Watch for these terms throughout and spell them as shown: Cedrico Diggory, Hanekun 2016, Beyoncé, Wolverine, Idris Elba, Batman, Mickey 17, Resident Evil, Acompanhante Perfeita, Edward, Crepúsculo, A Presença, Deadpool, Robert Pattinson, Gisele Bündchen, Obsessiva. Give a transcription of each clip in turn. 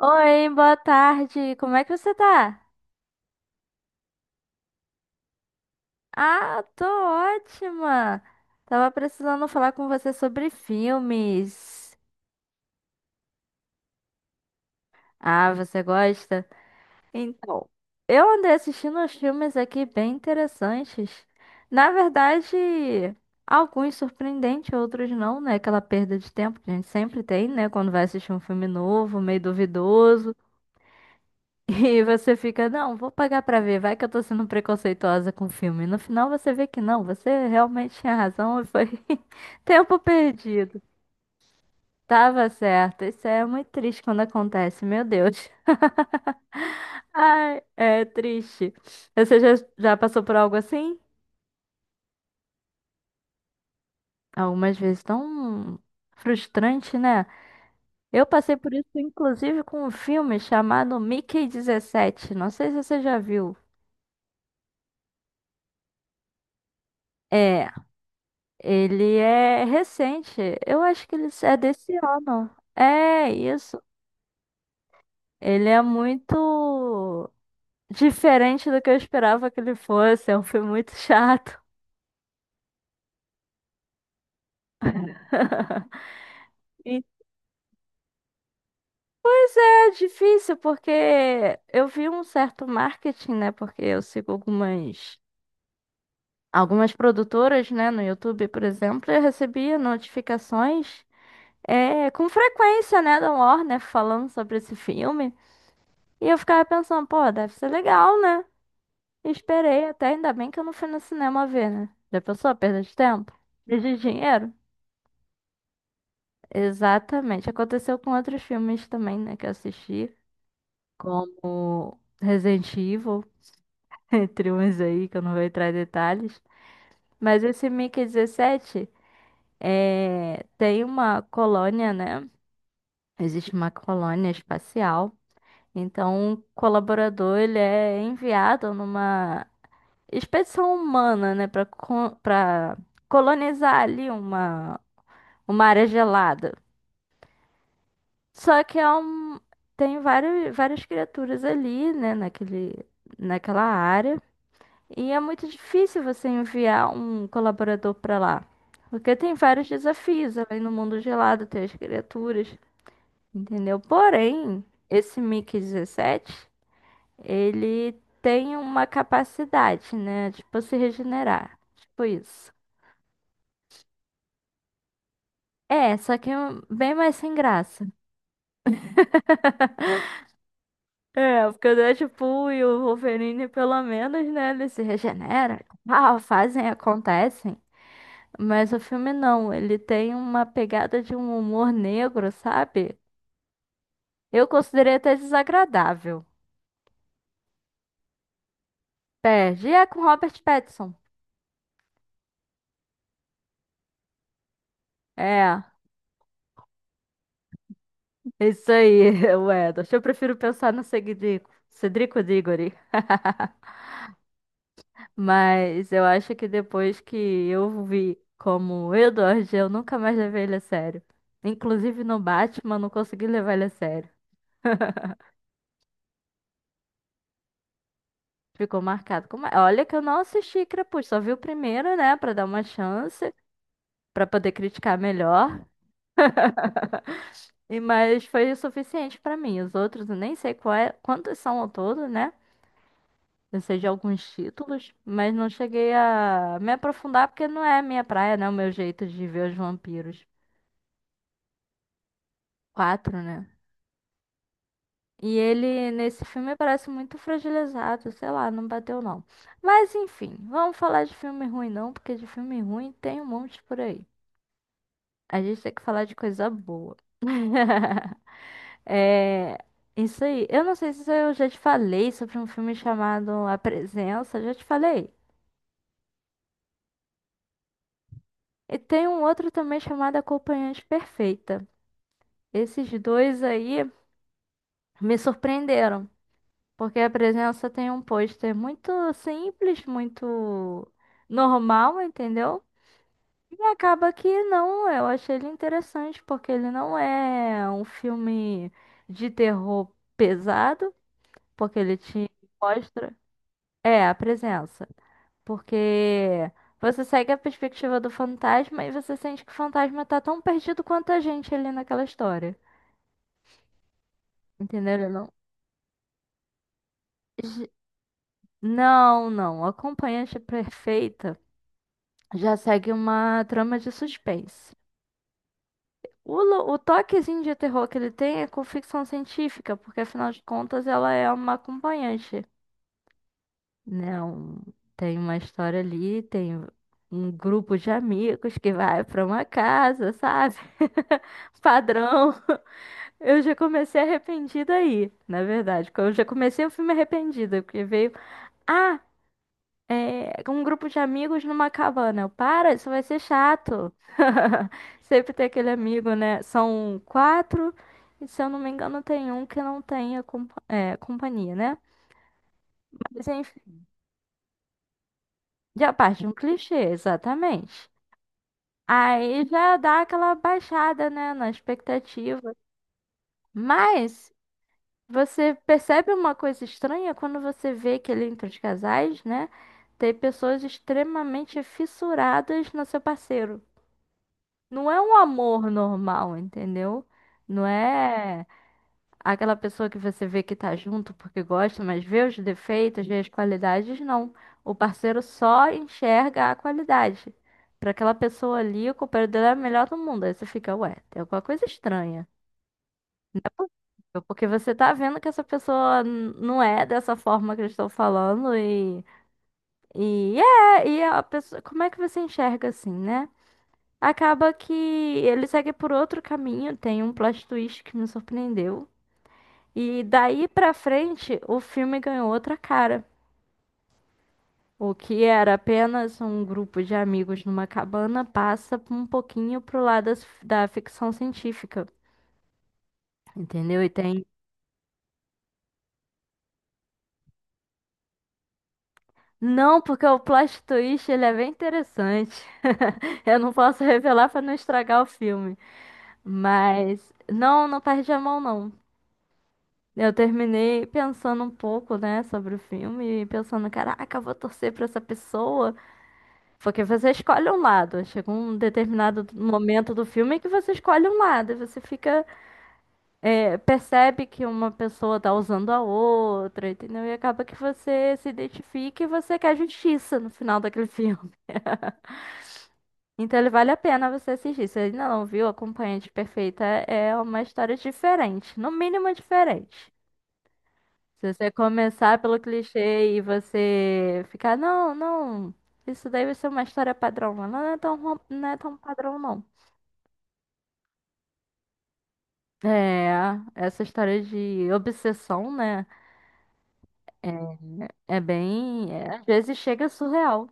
Oi, boa tarde. Como é que você tá? Ah, tô ótima. Tava precisando falar com você sobre filmes. Ah, você gosta? Então, eu andei assistindo uns filmes aqui bem interessantes. Na verdade, alguns surpreendentes, outros não, né? Aquela perda de tempo que a gente sempre tem, né? Quando vai assistir um filme novo, meio duvidoso. E você fica, não, vou pagar pra ver, vai que eu tô sendo preconceituosa com o filme. E no final você vê que não, você realmente tinha razão e foi tempo perdido. Tava certo. Isso é muito triste quando acontece, meu Deus. Ai, é triste. Você já passou por algo assim? Algumas vezes tão frustrante, né? Eu passei por isso, inclusive, com um filme chamado Mickey 17. Não sei se você já viu. É, ele é recente. Eu acho que ele é desse ano. É isso. Ele é muito diferente do que eu esperava que ele fosse. É um filme muito chato. E- Pois é, difícil, porque eu vi um certo marketing, né? Porque eu sigo algumas, algumas produtoras, né? No YouTube, por exemplo, eu recebia notificações com frequência, né? Da Warner falando sobre esse filme. E eu ficava pensando, pô, deve ser legal, né? Esperei até, ainda bem que eu não fui no cinema ver, né? Já pensou a perda de tempo? E de dinheiro? Exatamente. Aconteceu com outros filmes também, né, que eu assisti, como Resident Evil, entre uns aí, que eu não vou entrar em detalhes. Mas esse Mickey 17 tem uma colônia, né? Existe uma colônia espacial. Então, um colaborador, ele é enviado numa expedição humana, né, para colonizar ali uma área gelada. Só que é um tem várias criaturas ali, né, naquele naquela área, e é muito difícil você enviar um colaborador para lá. Porque tem vários desafios além no mundo gelado, tem as criaturas, entendeu? Porém, esse Mickey dezessete ele tem uma capacidade, né, de tipo, se regenerar. Tipo isso. É, só que é um, bem mais sem graça. É, porque o Deadpool e o Wolverine, pelo menos, né, eles se regeneram, ah, fazem, acontecem. Mas o filme não, ele tem uma pegada de um humor negro, sabe? Eu considerei até desagradável. Perde, e é com Robert Pattinson. É, isso aí, o Wedas. Eu prefiro pensar no Cedrico, Cedrico Diggory. Mas eu acho que depois que eu vi como o Edward, eu nunca mais levei ele a sério. Inclusive no Batman, eu não consegui levar ele a sério. Ficou marcado. Como... é. Olha que eu não assisti Crepúsculo, só vi o primeiro, né, pra dar uma chance, pra poder criticar melhor. E mas foi o suficiente pra mim. Os outros eu nem sei quantos são ao todo, né? Eu sei de alguns títulos, mas não cheguei a me aprofundar porque não é a minha praia, né? O meu jeito de ver os vampiros. Quatro, né? E ele, nesse filme, parece muito fragilizado, sei lá, não bateu não. Mas enfim, vamos falar de filme ruim não, porque de filme ruim tem um monte por aí. A gente tem que falar de coisa boa. É, isso aí. Eu não sei se eu já te falei sobre um filme chamado A Presença, já te falei. E tem um outro também chamado Acompanhante Perfeita. Esses dois aí me surpreenderam. Porque a presença tem um pôster muito simples, muito normal, entendeu? E acaba que não, eu achei ele interessante, porque ele não é um filme de terror pesado, porque ele te mostra. É, a presença. Porque você segue a perspectiva do fantasma e você sente que o fantasma tá tão perdido quanto a gente ali naquela história. Entendeu? Ele Não, Ge- não, não. A Acompanhante perfeita. Já segue uma trama de suspense. O, o toquezinho de terror que ele tem é com ficção científica, porque afinal de contas ela é uma acompanhante, né? Tem uma história ali, tem um grupo de amigos que vai pra uma casa, sabe? Padrão. Eu já comecei arrependida aí, na verdade. Eu já comecei o filme arrependida, porque veio. Ah! É, com um grupo de amigos numa cabana. Eu, para, isso vai ser chato. Sempre tem aquele amigo, né? São quatro, e se eu não me engano, tem um que não tem a companhia, né? Mas enfim, já parte de um clichê, exatamente. Aí já dá aquela baixada, né, na expectativa. Mas você percebe uma coisa estranha quando você vê que ali entre os casais, né? Tem pessoas extremamente fissuradas no seu parceiro. Não é um amor normal, entendeu? Não é aquela pessoa que você vê que tá junto porque gosta, mas vê os defeitos, vê as qualidades, não. O parceiro só enxerga a qualidade. Pra aquela pessoa ali, o companheiro dela é o melhor do mundo. Aí você fica, ué, tem alguma coisa estranha. É possível, porque você tá vendo que essa pessoa não é dessa forma que eles estão falando e. E é, e a pessoa. Como é que você enxerga assim, né? Acaba que ele segue por outro caminho, tem um plot twist que me surpreendeu. E daí pra frente, o filme ganhou outra cara. O que era apenas um grupo de amigos numa cabana passa um pouquinho pro lado da ficção científica, entendeu? E tem. Não, porque o plot twist ele é bem interessante. Eu não posso revelar pra não estragar o filme, mas não, não perde a mão não. Eu terminei pensando um pouco, né, sobre o filme, e pensando, caraca, eu vou torcer pra essa pessoa. Porque você escolhe um lado, chega um determinado momento do filme que você escolhe um lado, e você fica, percebe que uma pessoa tá usando a outra, entendeu? E acaba que você se identifica e você quer justiça no final daquele filme. Então ele vale a pena você assistir. Se ainda não viu, Acompanhante Perfeita é uma história diferente, no mínimo diferente. Se você começar pelo clichê e você ficar, não, não, isso daí vai ser uma história padrão, mas não é tão, não é tão padrão, não. É, essa história de obsessão, né? É é bem. Às vezes chega surreal.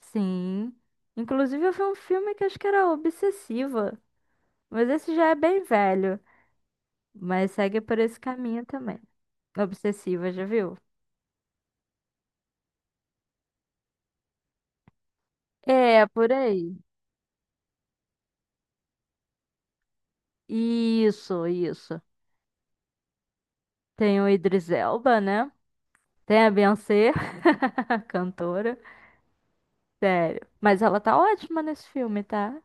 Sim. Inclusive, eu vi um filme que acho que era Obsessiva. Mas esse já é bem velho. Mas segue por esse caminho também. Obsessiva, já viu? É, por aí. Isso, isso. Tem o Idris Elba, né? Tem a Beyoncé, cantora. Sério. Mas ela tá ótima nesse filme, tá?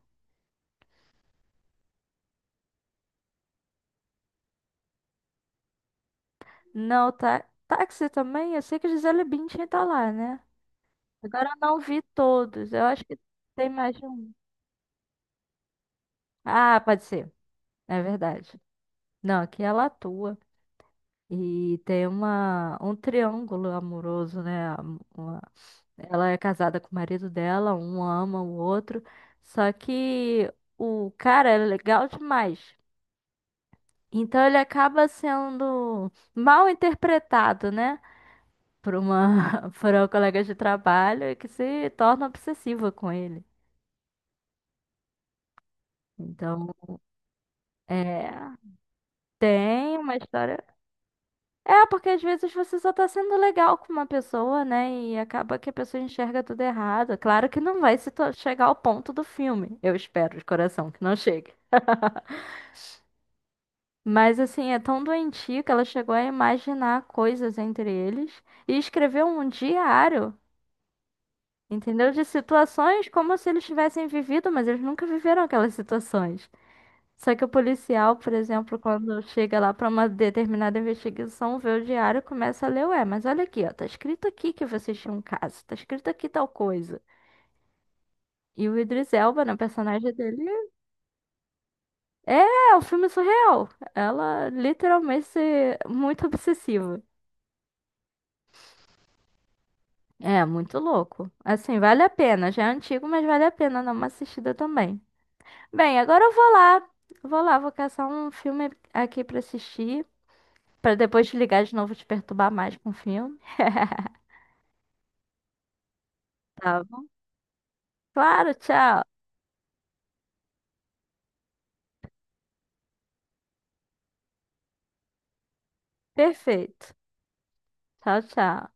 Não, tá. Táxi também, eu sei que Gisele Bündchen tá lá, né? Agora eu não vi todos. Eu acho que tem mais de um. Ah, pode ser. É verdade. Não, aqui ela atua. E tem uma, um triângulo amoroso, né? Ela é casada com o marido dela, um ama o outro. Só que o cara é legal demais. Então ele acaba sendo mal interpretado, né? Por uma, por uma colega de trabalho que se torna obsessiva com ele. Então, é, tem uma história. É, porque às vezes você só tá sendo legal com uma pessoa, né? E acaba que a pessoa enxerga tudo errado. Claro que não vai se chegar ao ponto do filme. Eu espero de coração que não chegue. Mas assim, é tão doentio que ela chegou a imaginar coisas entre eles e escreveu um diário. Entendeu? De situações como se eles tivessem vivido, mas eles nunca viveram aquelas situações. Só que o policial, por exemplo, quando chega lá para uma determinada investigação, vê o diário e começa a ler, ué, mas olha aqui, ó, tá escrito aqui que vocês tinham um caso, tá escrito aqui tal coisa. E o Idris Elba, na personagem dele, é é um filme surreal. Ela literalmente muito obsessiva. É, muito louco. Assim, vale a pena. Já é antigo, mas vale a pena dar uma assistida também. Bem, agora eu vou lá. Vou lá, vou caçar um filme aqui pra assistir, pra depois te ligar de novo e te perturbar mais com o filme. Tá bom? Claro, tchau. Perfeito. Tchau, tchau.